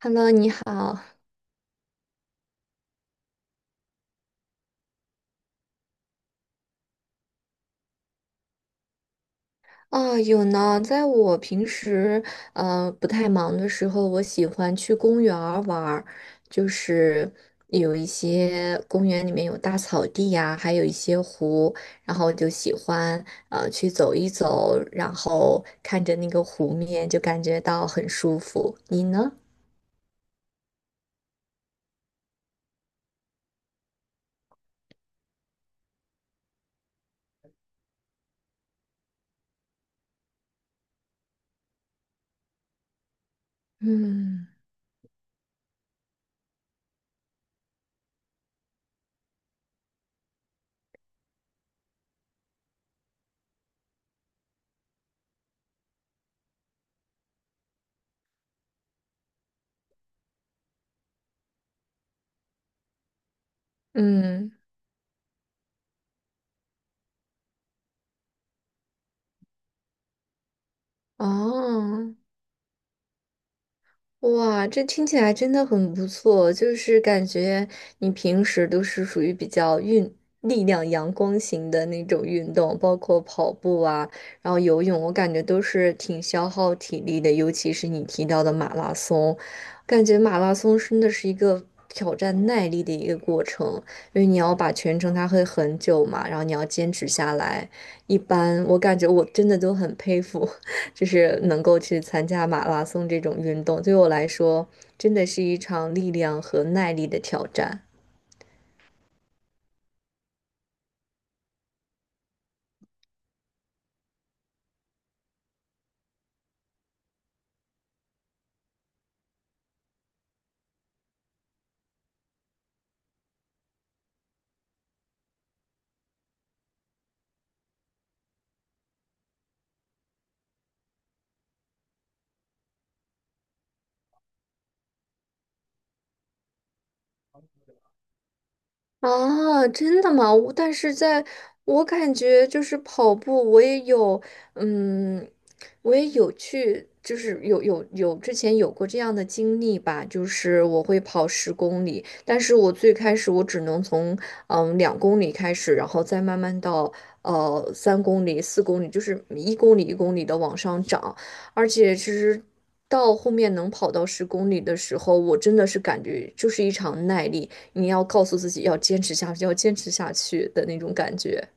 Hello，你好。啊，有呢，在我平时不太忙的时候，我喜欢去公园儿玩儿。就是有一些公园里面有大草地呀、还有一些湖，然后我就喜欢去走一走，然后看着那个湖面，就感觉到很舒服。你呢？嗯。嗯。哦。哇，这听起来真的很不错，就是感觉你平时都是属于比较力量阳光型的那种运动，包括跑步啊，然后游泳，我感觉都是挺消耗体力的，尤其是你提到的马拉松，感觉马拉松真的是一个挑战耐力的一个过程，因为你要把全程它会很久嘛，然后你要坚持下来，一般我感觉我真的都很佩服。就是能够去参加马拉松这种运动，对我来说真的是一场力量和耐力的挑战。啊，真的吗？我感觉就是跑步，我也有，嗯，我也有去，就是有有有之前有过这样的经历吧，就是我会跑十公里，但是我最开始我只能从2公里开始，然后再慢慢到3公里、4公里，就是一公里一公里的往上涨，而且其实。到后面能跑到十公里的时候，我真的是感觉就是一场耐力。你要告诉自己要坚持下去，要坚持下去的那种感觉。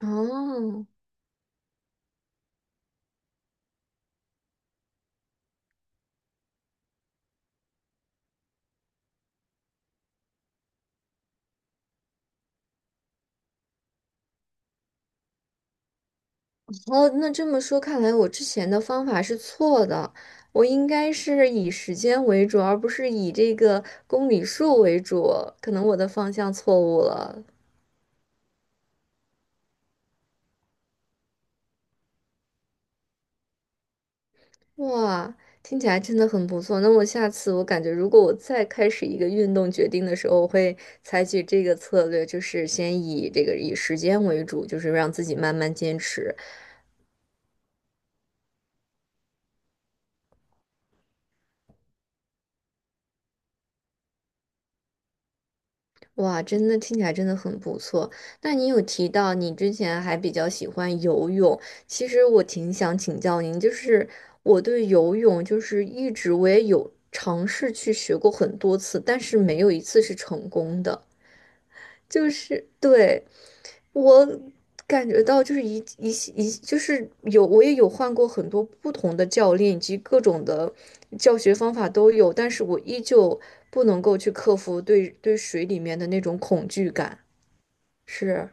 哦。哦，那这么说，看来我之前的方法是错的，我应该是以时间为主，而不是以这个公里数为主，可能我的方向错误了。哇，听起来真的很不错。那我下次我感觉，如果我再开始一个运动决定的时候，我会采取这个策略，就是先以这个以时间为主，就是让自己慢慢坚持。哇，真的听起来真的很不错。那你有提到你之前还比较喜欢游泳，其实我挺想请教您，就是我对游泳就是一直我也有尝试去学过很多次，但是没有一次是成功的。就是对我感觉到，就是一一系一系，就是有我也有换过很多不同的教练，以及各种的教学方法都有，但是我依旧不能够去克服对水里面的那种恐惧感。是。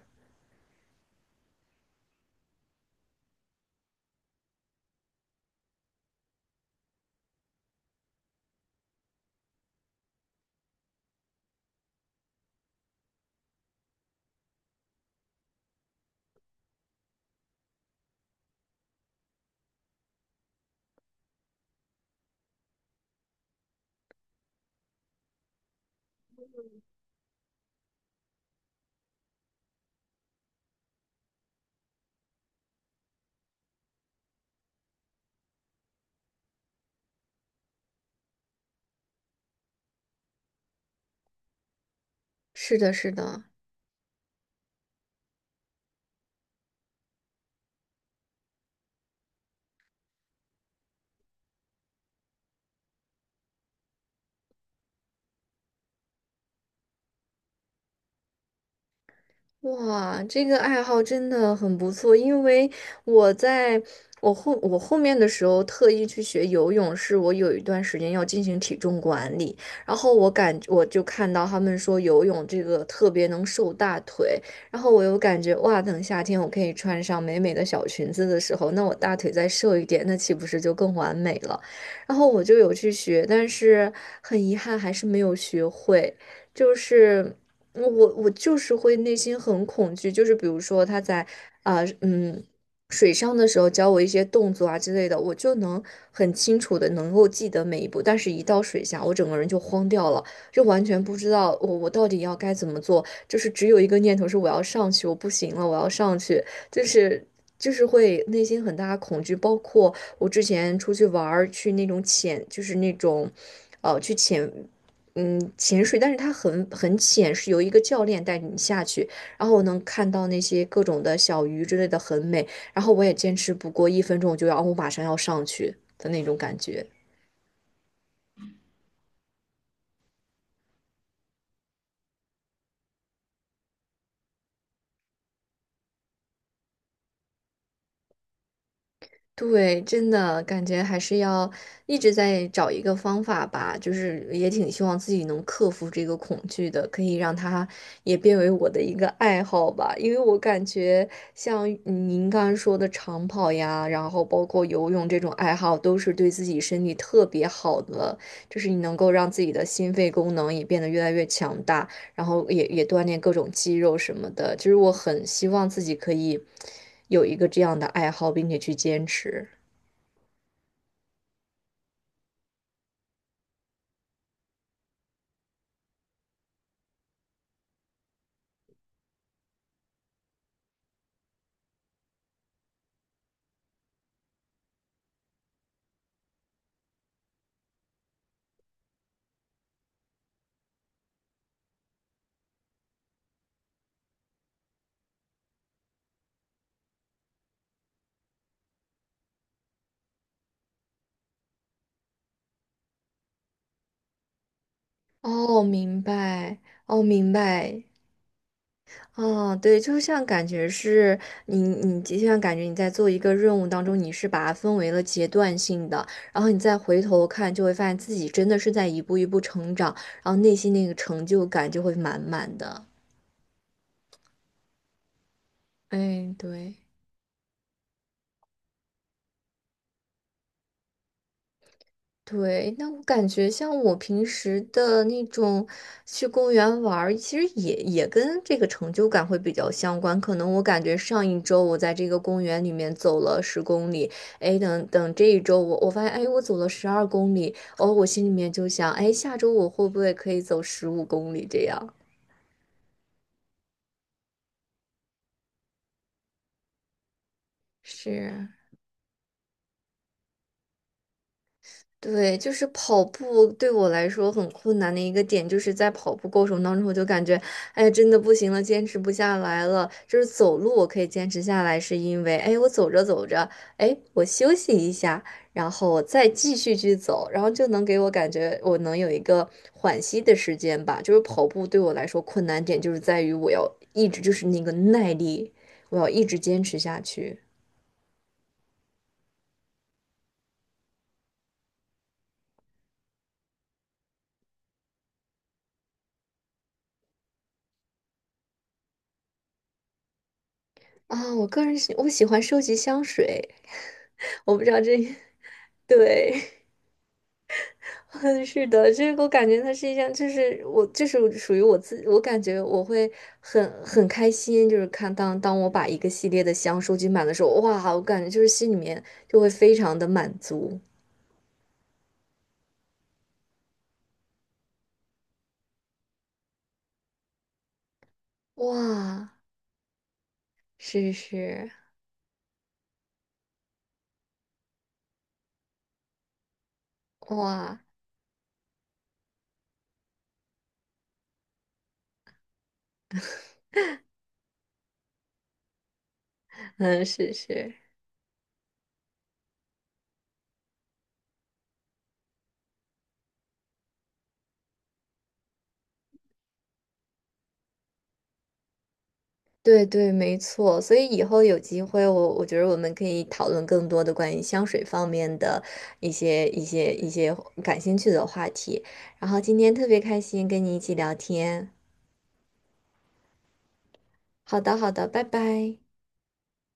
是的，是的。哇，这个爱好真的很不错，因为我在我后我后面的时候特意去学游泳，是我有一段时间要进行体重管理，然后我就看到他们说游泳这个特别能瘦大腿，然后我又感觉哇，等夏天我可以穿上美美的小裙子的时候，那我大腿再瘦一点，那岂不是就更完美了？然后我就有去学，但是很遗憾还是没有学会，就是。我我就是会内心很恐惧，就是比如说他在啊、嗯水上的时候教我一些动作啊之类的，我就能很清楚的能够记得每一步，但是一到水下，我整个人就慌掉了，就完全不知道我到底要该怎么做，就是只有一个念头是我要上去，我不行了，我要上去，就是就是会内心很大的恐惧，包括我之前出去玩儿去那种潜，就是那种。呃，去潜嗯，潜水，但是它很浅，是由一个教练带你下去，然后我能看到那些各种的小鱼之类的，很美。然后我也坚持不过一分钟，我就要，哦我马上要上去的那种感觉。对，真的感觉还是要一直在找一个方法吧，就是也挺希望自己能克服这个恐惧的，可以让它也变为我的一个爱好吧。因为我感觉像您刚刚说的长跑呀，然后包括游泳这种爱好，都是对自己身体特别好的，就是你能够让自己的心肺功能也变得越来越强大。然后也锻炼各种肌肉什么的。就是我很希望自己可以有一个这样的爱好，并且去坚持。哦，明白。哦，明白。哦，对，就像感觉是你，你就像感觉你在做一个任务当中，你是把它分为了阶段性的，然后你再回头看，就会发现自己真的是在一步一步成长，然后内心那个成就感就会满满的。哎，对。对，那我感觉像我平时的那种去公园玩儿其实也跟这个成就感会比较相关。可能我感觉上一周我在这个公园里面走了十公里，哎，等等这一周我发现，哎，我走了12公里，哦，我心里面就想，哎，下周我会不会可以走15公里这样？是。对，就是跑步对我来说很困难的一个点，就是在跑步过程当中，我就感觉，哎，真的不行了，坚持不下来了。就是走路我可以坚持下来，是因为，哎，我走着走着，哎，我休息一下，然后我再继续去走，然后就能给我感觉我能有一个缓息的时间吧。就是跑步对我来说困难点，就是在于我要一直就是那个耐力，我要一直坚持下去。啊，我喜欢收集香水，我不知道这对，是的，这个我感觉它是一项，就是我，就是属于我自，我感觉我会很开心，就是看当我把一个系列的箱收集满的时候，哇，我感觉就是心里面就会非常的满足，哇，是是。哇。嗯，是是。对对，没错。所以以后有机会我觉得我们可以讨论更多的关于香水方面的一些感兴趣的话题。然后今天特别开心跟你一起聊天。好的，好的，拜拜。